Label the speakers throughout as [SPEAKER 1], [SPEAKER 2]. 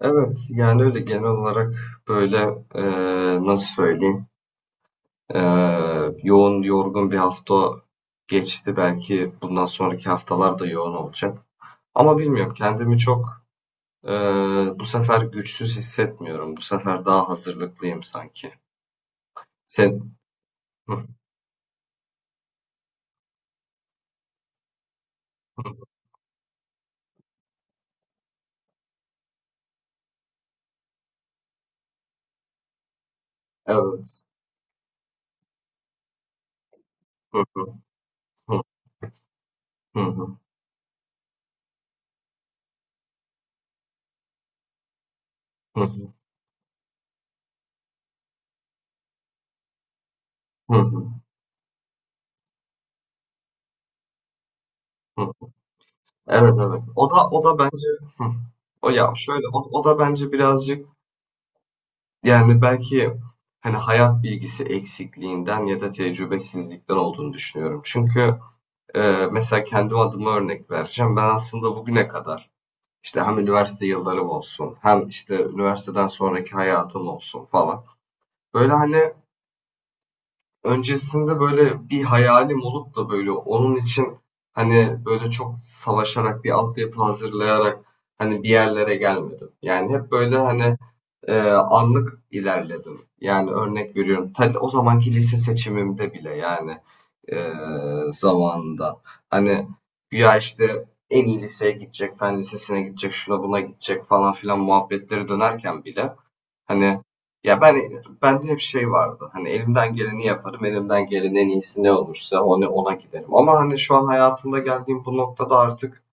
[SPEAKER 1] Evet, yani öyle genel olarak böyle nasıl söyleyeyim, yoğun yorgun bir hafta geçti, belki bundan sonraki haftalar da yoğun olacak. Ama bilmiyorum, kendimi çok bu sefer güçsüz hissetmiyorum. Bu sefer daha hazırlıklıyım sanki. Sen. Hı, hı, evet. Hı hı, hı, hı, hı, hı, hı, hı, hı. Evet evet. O da bence. Hı. O ya şöyle, o da bence birazcık, yani, belki, hani, hayat bilgisi eksikliğinden ya da tecrübesizlikten olduğunu düşünüyorum. Çünkü, mesela kendim adıma örnek vereceğim. Ben aslında bugüne kadar, işte, hem üniversite yıllarım olsun hem, işte, üniversiteden sonraki hayatım olsun falan, böyle, hani, öncesinde, böyle, bir hayalim olup da, böyle, onun için, hani, böyle, çok savaşarak, bir altyapı hazırlayarak, hani, bir yerlere gelmedim. Yani, hep, böyle, hani, anlık ilerledim. Yani örnek veriyorum. O zamanki lise seçimimde bile, yani, e, zamanında. Hani güya işte en iyi liseye gidecek, fen lisesine gidecek, şuna buna gidecek falan filan muhabbetleri dönerken bile, hani, ya ben, bende hep şey vardı. Hani elimden geleni yaparım, elimden gelenin en iyisi ne olursa onu ona giderim. Ama hani şu an hayatımda geldiğim bu noktada artık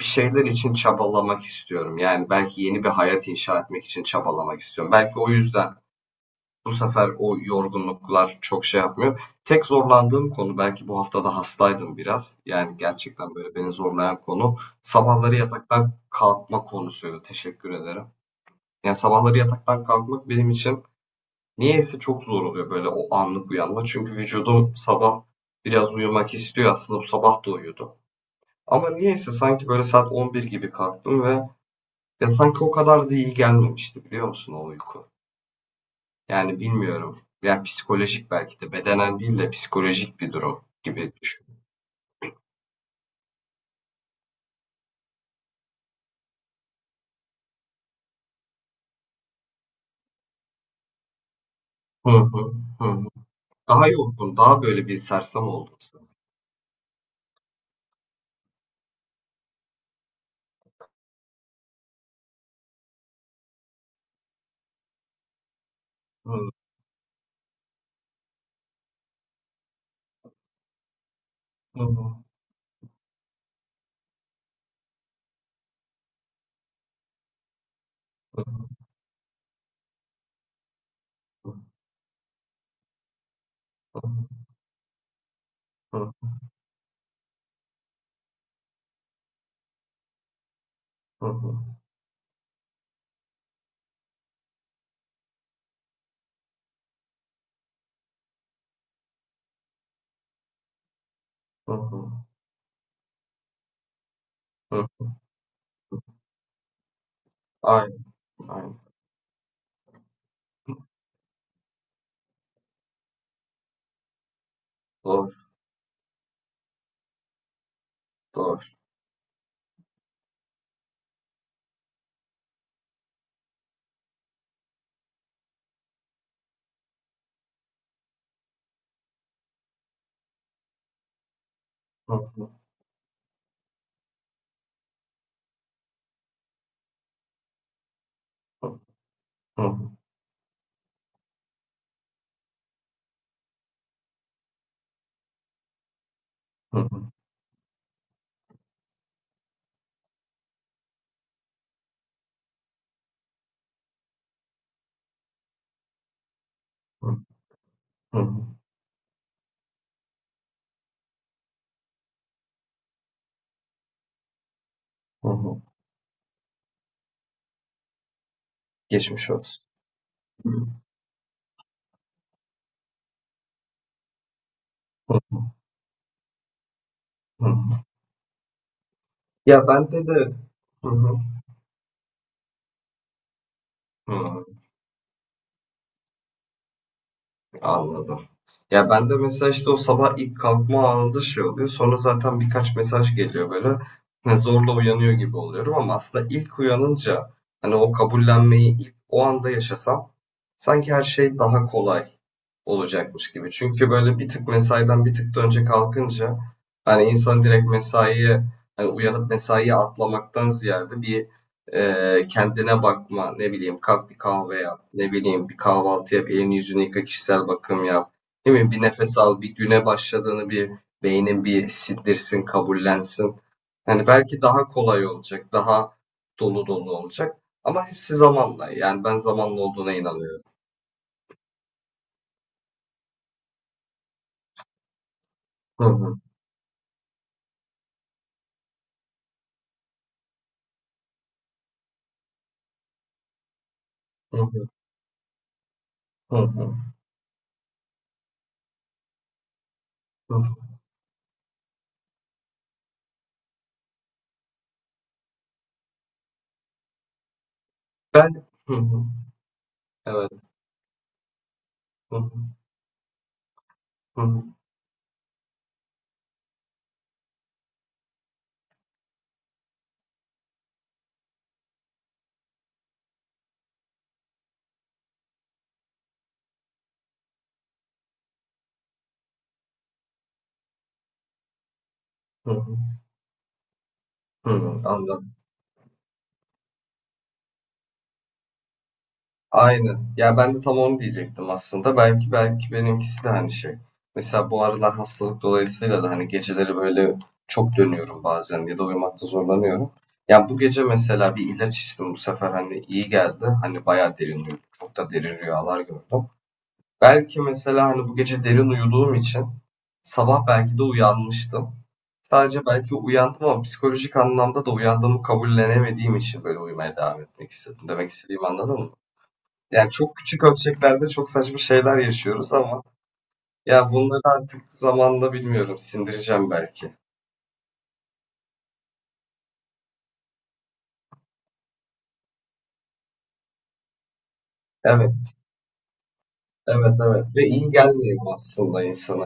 [SPEAKER 1] bir şeyler için çabalamak istiyorum. Yani belki yeni bir hayat inşa etmek için çabalamak istiyorum. Belki o yüzden bu sefer o yorgunluklar çok şey yapmıyor. Tek zorlandığım konu, belki bu haftada hastaydım biraz. Yani gerçekten böyle beni zorlayan konu sabahları yataktan kalkma konusuydu. Teşekkür ederim. Yani sabahları yataktan kalkmak benim için niyeyse çok zor oluyor, böyle o anlık uyanma. Çünkü vücudum sabah biraz uyumak istiyor, aslında bu sabah da uyudu. Ama niyeyse sanki böyle saat 11 gibi kalktım ve ya sanki o kadar da iyi gelmemişti, biliyor musun, o uyku? Yani bilmiyorum. Yani psikolojik, belki de bedenen değil de psikolojik bir durum gibi düşün. Hı hı, hı hı. Daha yorgun, daha böyle bir sersem oldum sanırım. Hı hı, hı hı, hı hı, hı hı, hı hı, hı. Aynen, aynen. Doğru, doğru. Hı hı, hı hı, hı hı, hı hı, hı hı. Geçmiş olsun. Hı hı, hı hı. Ya bende de. Hı hı. Hı. Anladım. Ya ben de mesela işte o sabah ilk kalkma anında şey oluyor. Sonra zaten birkaç mesaj geliyor böyle. Hani zorla uyanıyor gibi oluyorum ama aslında ilk uyanınca, hani, o kabullenmeyi ilk o anda yaşasam sanki her şey daha kolay olacakmış gibi. Çünkü böyle bir tık mesaiden, bir tık da önce kalkınca, hani, insan direkt mesaiye, hani uyanıp mesaiye atlamaktan ziyade bir kendine bakma, ne bileyim, kalk bir kahve yap, ne bileyim, bir kahvaltı yap, elini yüzünü yıka, kişisel bakım yap, değil mi, bir nefes al, bir güne başladığını bir beynin bir sindirsin, kabullensin. Yani belki daha kolay olacak, daha dolu dolu olacak. Ama hepsi zamanla. Yani ben zamanla olduğuna inanıyorum. Hı hı, hı hı, hı hı, hı. Ben... Hı hı, evet. Hı hı, hı hı, hı hı, anladım. Aynen. Ya ben de tam onu diyecektim aslında. Belki benimkisi de hani şey. Mesela bu aralar hastalık dolayısıyla da hani geceleri böyle çok dönüyorum bazen ya da uyumakta zorlanıyorum. Ya bu gece mesela bir ilaç içtim, bu sefer hani iyi geldi. Hani bayağı derin uyudum. Çok da derin rüyalar gördüm. Belki mesela, hani, bu gece derin uyuduğum için sabah belki de uyanmıştım. Sadece belki uyandım ama psikolojik anlamda da uyandığımı kabullenemediğim için böyle uyumaya devam etmek istedim. Demek istediğimi anladın mı? Yani çok küçük ölçeklerde çok saçma şeyler yaşıyoruz ama ya bunları artık zamanla bilmiyorum sindireceğim belki. Evet, evet, ve iyi gelmiyor aslında insana.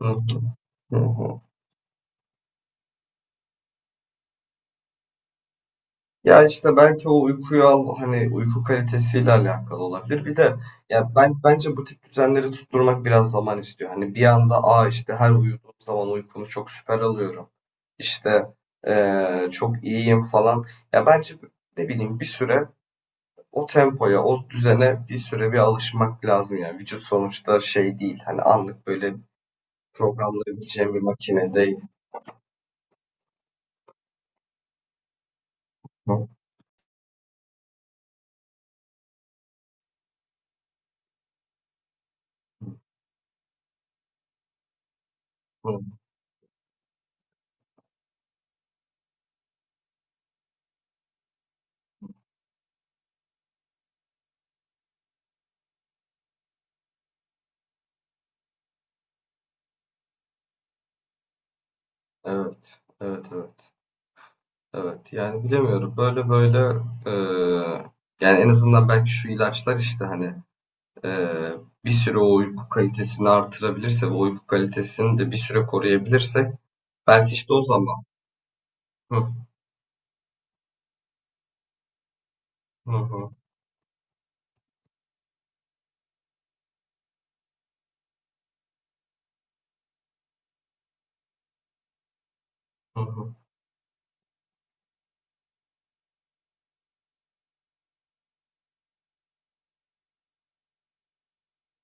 [SPEAKER 1] Hı hı, hı. Ya işte belki o uykuyu al, hani, uyku kalitesiyle alakalı olabilir. Bir de ya ben bence bu tip düzenleri tutturmak biraz zaman istiyor. Hani bir anda aa işte her uyuduğum zaman uykumu çok süper alıyorum. İşte çok iyiyim falan. Ya bence, ne bileyim, bir süre o tempoya, o düzene bir süre bir alışmak lazım yani. Vücut sonuçta şey değil. Hani anlık böyle programlayabileceğim bir makine değil. Hı hı. Evet, evet, evet. Evet, yani bilemiyorum. Böyle eee, yani en azından belki şu ilaçlar işte, hani, eee, bir süre o uyku kalitesini artırabilirse ve uyku kalitesini de bir süre koruyabilirsek belki işte o zaman. Hı hı, hı hı, hı.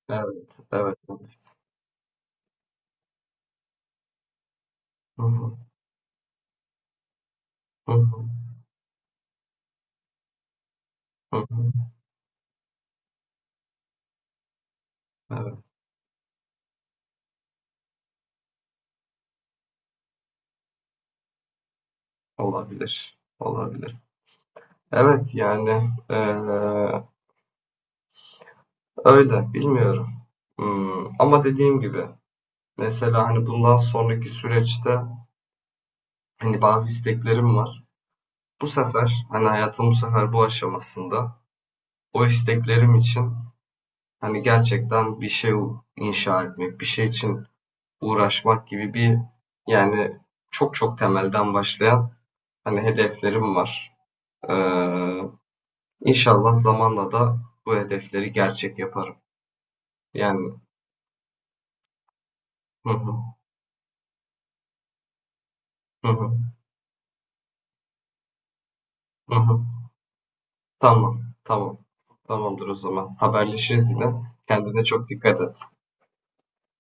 [SPEAKER 1] Evet, evet, evet. Hı hı, hı hı, hı. Evet. Olabilir, olabilir. Evet, yani, öyle, bilmiyorum. Ama dediğim gibi, mesela, hani, bundan sonraki süreçte, hani, bazı isteklerim var. Bu sefer, hani, hayatım bu sefer bu aşamasında o isteklerim için, hani, gerçekten bir şey inşa etmek, bir şey için uğraşmak gibi bir, yani, çok çok temelden başlayan, hani, hedeflerim var. Eee, inşallah zamanla da bu hedefleri gerçek yaparım. Yani hı hı, hı hı, hı hı. Tamam, tamam. Tamamdır o zaman. Haberleşiriz yine. Kendine çok dikkat et.